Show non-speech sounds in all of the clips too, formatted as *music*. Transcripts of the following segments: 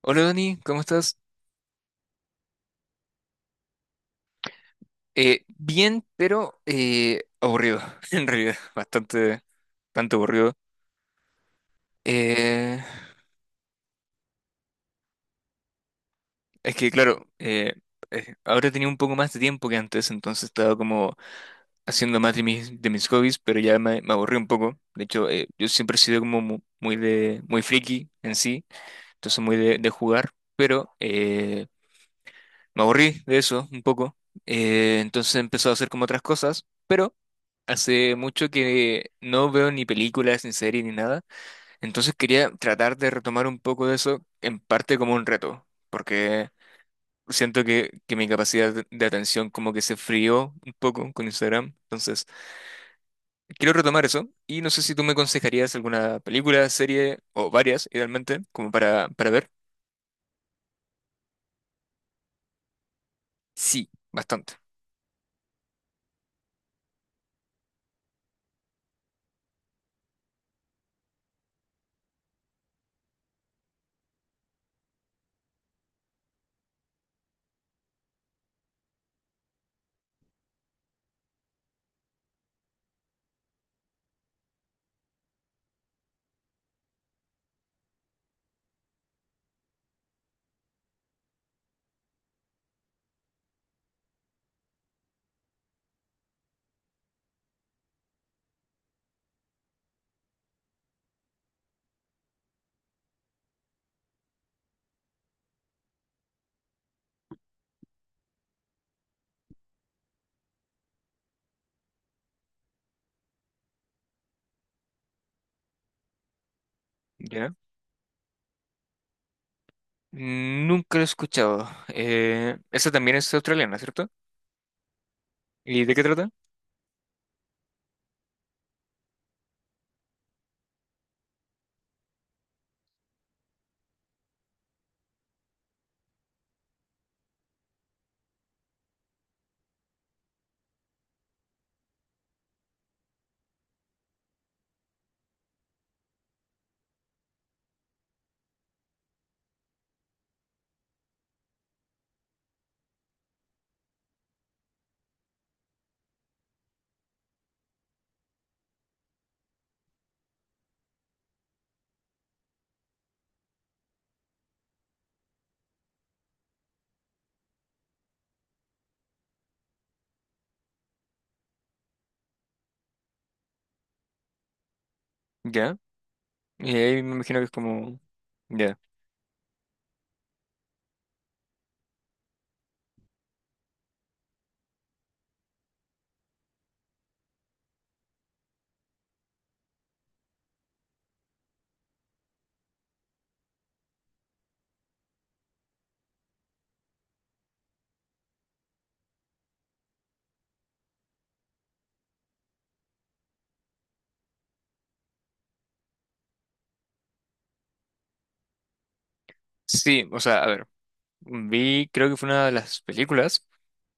Hola Dani, ¿cómo estás? Bien, pero aburrido, *laughs* en realidad, bastante, bastante aburrido. Eh, es que, claro, ahora tenía un poco más de tiempo que antes, entonces estaba como haciendo más de mis hobbies, pero ya me aburrí un poco. De hecho, yo siempre he sido como muy friki en sí, entonces muy de jugar, pero me aburrí de eso un poco. Entonces empezó a hacer como otras cosas. Pero hace mucho que no veo ni películas, ni series, ni nada. Entonces quería tratar de retomar un poco de eso, en parte como un reto, porque siento que mi capacidad de atención como que se frió un poco con Instagram. Entonces, quiero retomar eso y no sé si tú me aconsejarías alguna película, serie o varias, idealmente, como para ver. Sí, bastante. ¿Ya? Nunca lo he escuchado. Esa también es australiana, ¿cierto? ¿Y de qué trata? ¿Ya? Y ahí me imagino que es como... Ya. Sí, o sea, a ver, vi, creo que fue una de las películas,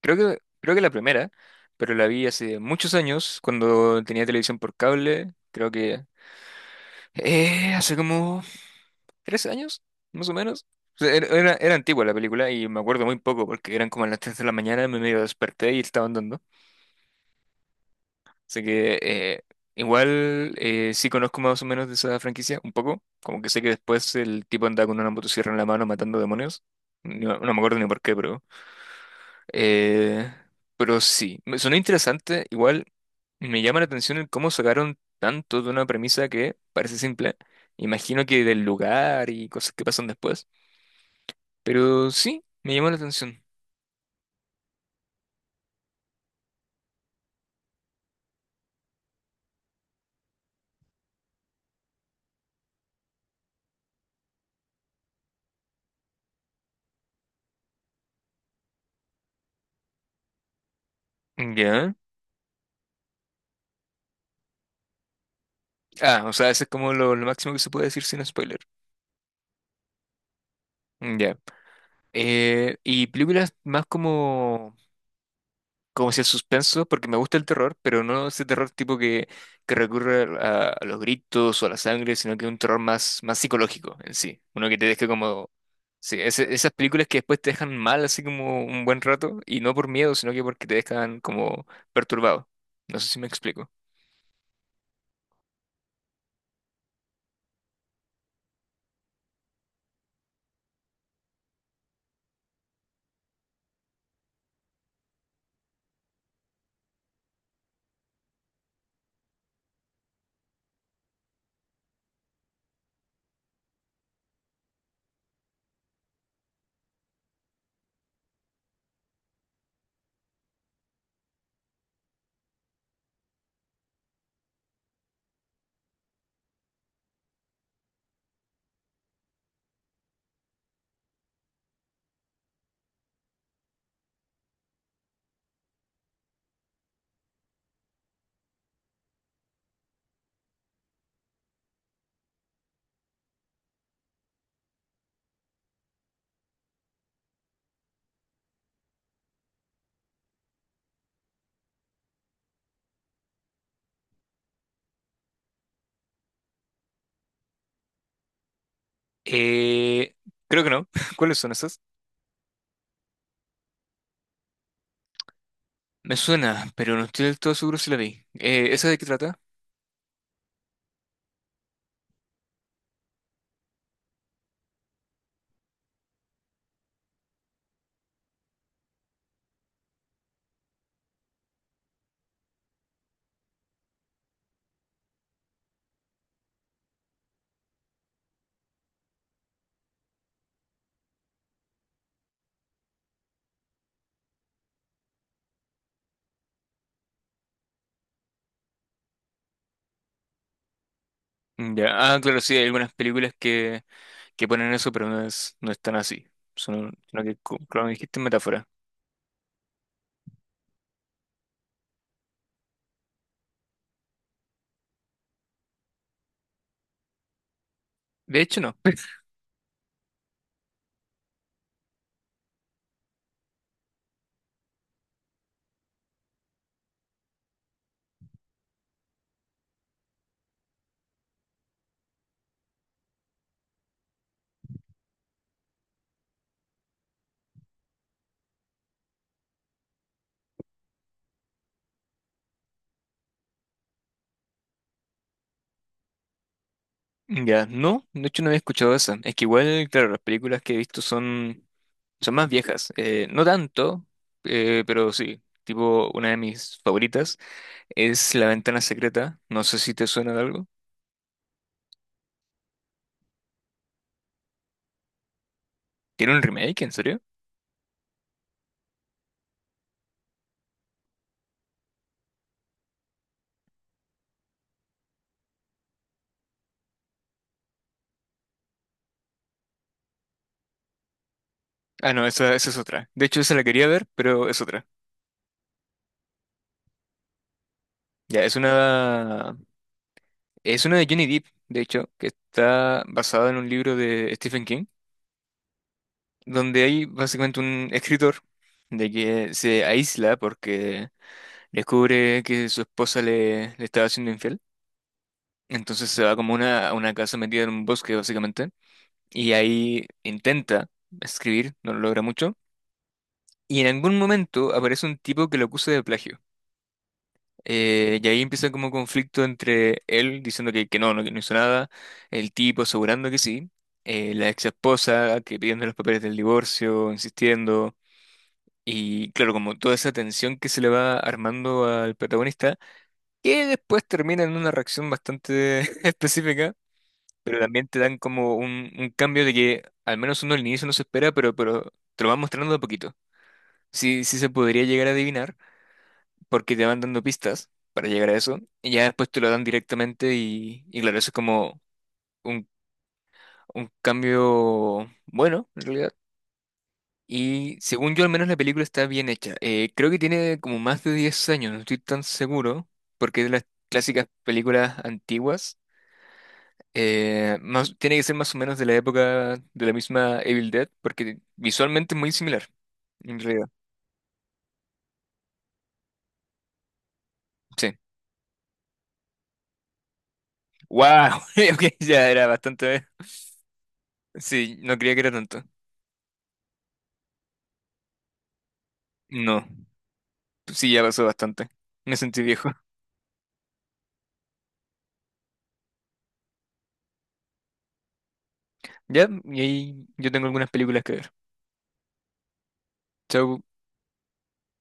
creo que la primera, pero la vi hace muchos años, cuando tenía televisión por cable, creo que hace como 3 años, más o menos. O sea, era antigua la película y me acuerdo muy poco porque eran como a las 3 de la mañana, me medio desperté y estaban dando. Así que igual sí conozco más o menos de esa franquicia, un poco. Como que sé que después el tipo anda con una motosierra en la mano matando demonios. No, no me acuerdo ni por qué, eh, pero sí, me sonó interesante. Igual me llama la atención el cómo sacaron tanto de una premisa que parece simple. Imagino que del lugar y cosas que pasan después. Pero sí, me llama la atención. Ya. Ah, o sea, ese es como lo máximo que se puede decir sin spoiler. Ya. Y películas más como, como si el suspenso, porque me gusta el terror, pero no ese terror tipo que recurre a los gritos o a la sangre, sino que un terror más psicológico en sí. Uno que te deje como... Sí, esas películas que después te dejan mal así como un buen rato, y no por miedo, sino que porque te dejan como perturbado. No sé si me explico. Eh, creo que no. *laughs* ¿Cuáles son esas? Me suena, pero no estoy del todo seguro si la vi. ¿Esa de qué trata? Ya, ah, claro, sí, hay algunas películas que ponen eso, pero no es tan así. Sino que, claro, dijiste en metáfora. De hecho, no. Ya, no, de hecho no había escuchado esa. Es que igual, claro, las películas que he visto son, son más viejas. No tanto, pero sí. Tipo, una de mis favoritas es La Ventana Secreta. No sé si te suena de algo. ¿Tiene un remake, en serio? Ah, no, esa es otra. De hecho, esa la quería ver, pero es otra. Ya, es una de Johnny Depp, de hecho, que está basada en un libro de Stephen King, donde hay básicamente un escritor de que se aísla porque descubre que le estaba siendo infiel. Entonces se va a una casa metida en un bosque, básicamente, y ahí intenta escribir, no lo logra mucho. Y en algún momento aparece un tipo que lo acusa de plagio. Y ahí empieza como conflicto entre él diciendo que no hizo nada, el tipo asegurando que sí, la ex esposa que pidiendo los papeles del divorcio, insistiendo. Y claro, como toda esa tensión que se le va armando al protagonista, que después termina en una reacción bastante *laughs* específica, pero también te dan como un cambio de que al menos uno al inicio no se espera, pero te lo van mostrando de a poquito. Sí, sí se podría llegar a adivinar, porque te van dando pistas para llegar a eso, y ya después te lo dan directamente y claro, eso es como un, un cambio bueno, en realidad. Y según yo, al menos la película está bien hecha. Creo que tiene como más de 10 años, no estoy tan seguro, porque es de las clásicas películas antiguas. Tiene que ser más o menos de la época de la misma Evil Dead, porque visualmente es muy similar, en realidad. Sí. ¡Wow! *laughs* Ok, ya era bastante. Sí, no creía que era tanto. No, sí, ya pasó bastante. Me sentí viejo. Ya, y ahí yo tengo algunas películas que ver. Chau.